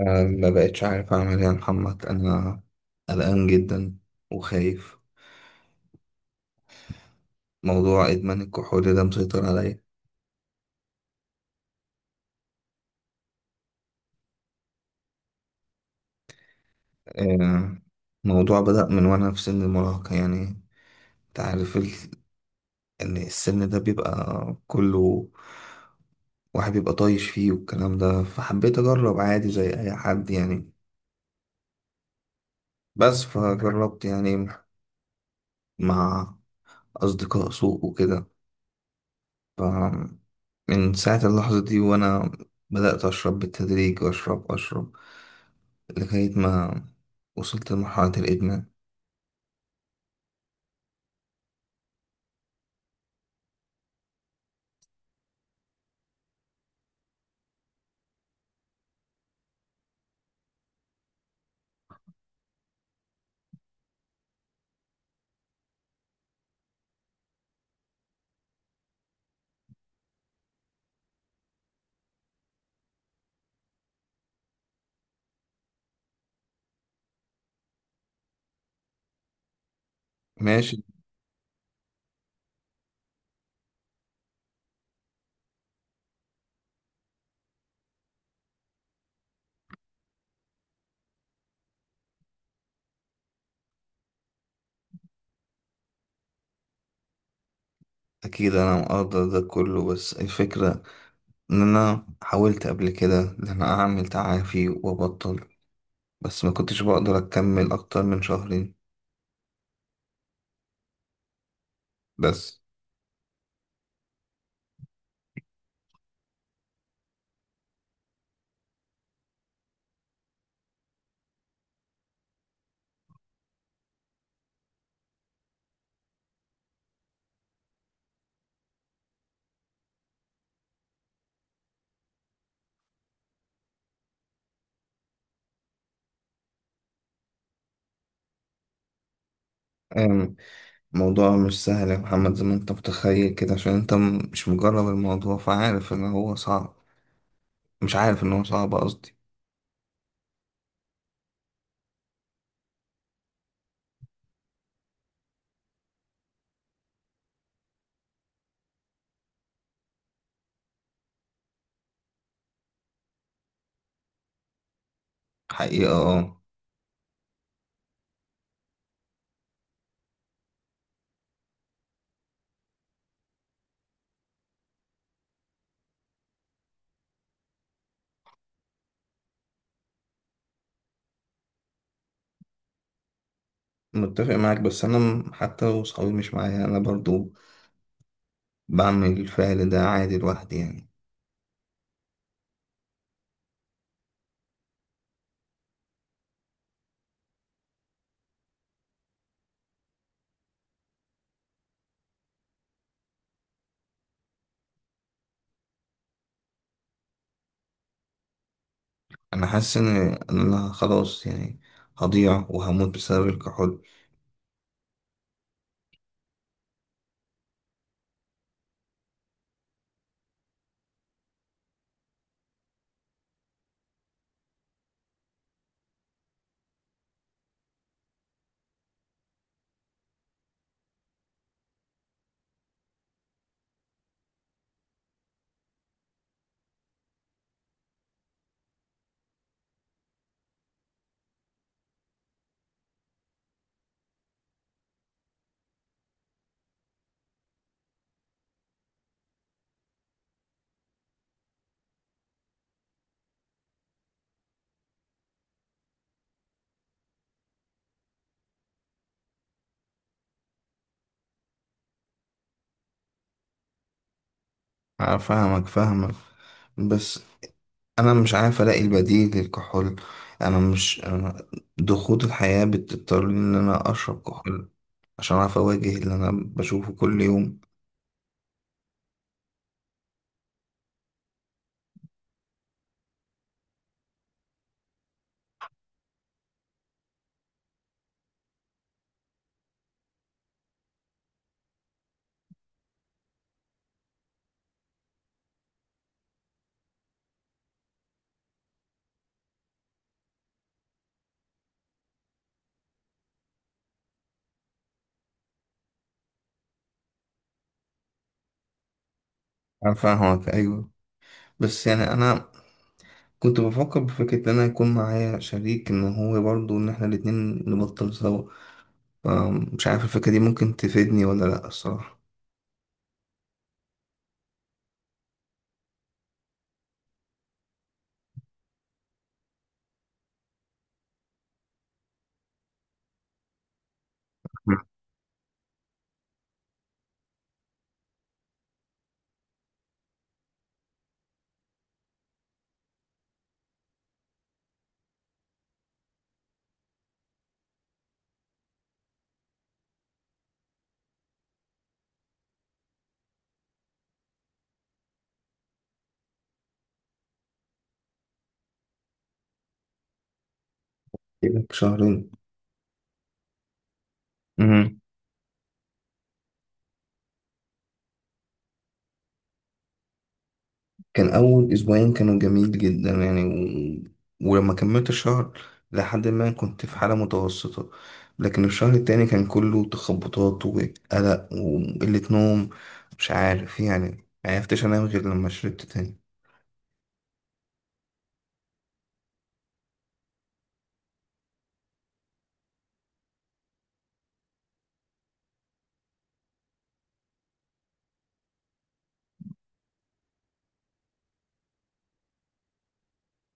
أنا ما بقتش عارف أعمل إيه يا محمد. أنا قلقان جدا وخايف. موضوع إدمان الكحول ده مسيطر عليا. آه، الموضوع بدأ من وأنا في سن المراهقة يعني. أنت عارف إن السن ده بيبقى كله واحد بيبقى طايش فيه والكلام ده، فحبيت أجرب عادي زي أي حد يعني. بس فجربت يعني مع أصدقاء سوء وكده. ف- من ساعة اللحظة دي وأنا بدأت أشرب بالتدريج، وأشرب لغاية ما وصلت لمرحلة الإدمان. ماشي. أكيد أنا مقدر ده كله، بس الفكرة إن أنا حاولت قبل كده إن أنا أعمل تعافي وأبطل، بس ما كنتش بقدر أكمل أكتر من شهرين. بس أم، الموضوع مش سهل يا محمد زي ما أنت متخيل كده، عشان أنت مش مجرب الموضوع فعارف إن هو صعب. مش عارف إن هو صعب قصدي. حقيقة اه. متفق معاك، بس انا حتى لو صحابي مش معايا انا برضو بعمل الفعل ده عادي لوحدي يعني. انا حاسس إن انا خلاص يعني هضيع وهموت بسبب الكحول. أنا فاهمك فاهمك، بس انا مش عارف الاقي البديل للكحول. انا مش أنا ضغوط الحياة بتضطرني ان انا اشرب كحول عشان اعرف اواجه اللي انا بشوفه كل يوم. انا فاهمك ايوه، بس يعني انا كنت بفكر بفكرة إن أنا يكون معايا شريك، إن هو برضه إن إحنا الاتنين نبطل سوا. فمش عارف الفكرة دي ممكن تفيدني ولا لأ الصراحة. بقالك شهرين. امم. كان أول أسبوعين كانوا جميل جدا يعني، ولما كملت الشهر لحد ما كنت في حالة متوسطة. لكن الشهر التاني كان كله تخبطات وقلق وقلة نوم. مش عارف يعني، معرفتش أنام غير لما شربت تاني.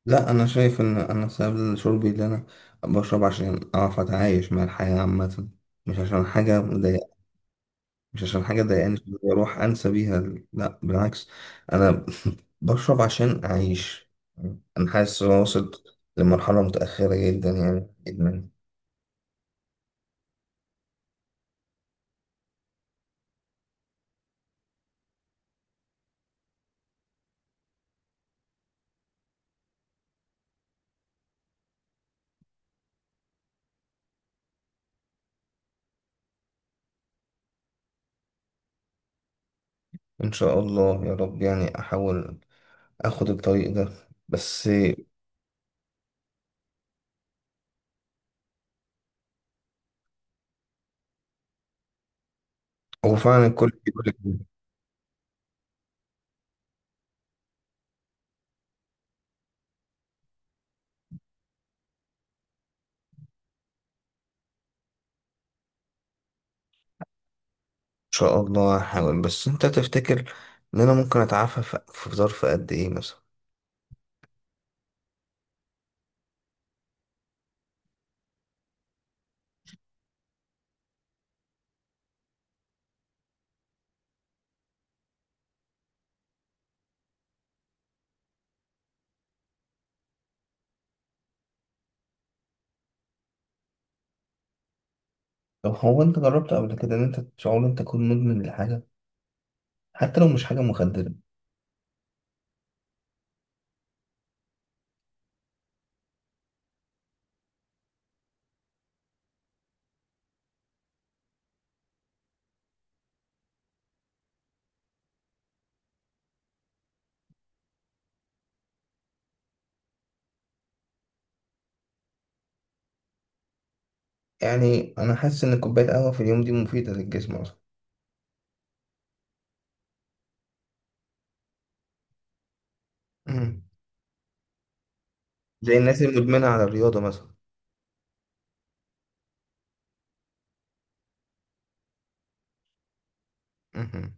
لا، انا شايف ان انا سبب شربي، اللي انا بشرب عشان اعرف اتعايش مع الحياة عامة. مش عشان حاجة مضايق، مش عشان حاجة ضايقاني واروح انسى بيها. لا بالعكس، انا بشرب عشان اعيش. انا حاسس ان انا وصلت لمرحلة متأخرة جدا يعني ادمان. ان شاء الله يا رب يعني احاول اخد الطريق ده. بس هو فعلا الكل بيقول لك ان شاء الله. هحاول، بس انت تفتكر ان انا ممكن اتعافى في ظرف قد ايه مثلا؟ طب هو انت جربت قبل كده ان انت شعور انت تكون مدمن لحاجة حتى لو مش حاجة مخدرة؟ يعني انا حاسس ان كوباية قهوة في اليوم دي مفيدة للجسم اصلا. مهم. زي الناس اللي مدمنة على الرياضة مثلا. مهم.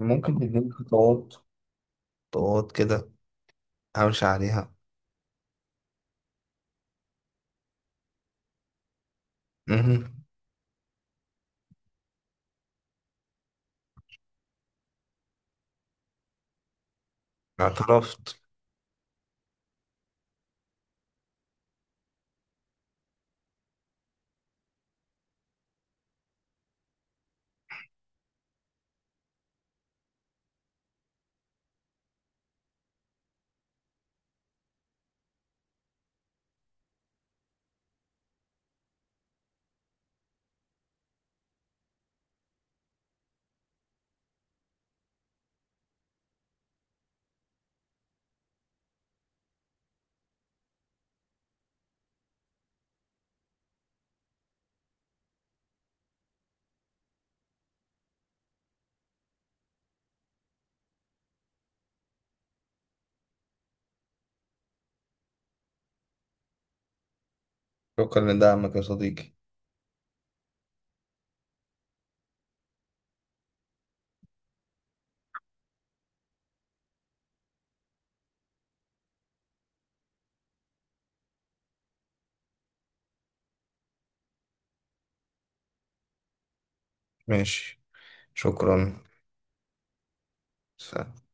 ممكن تديني خطوات؟ خطوات كده امشي عليها. مهم. اعترفت. شكرا لدعمك يا صديقي. ماشي. شكرا. سلام.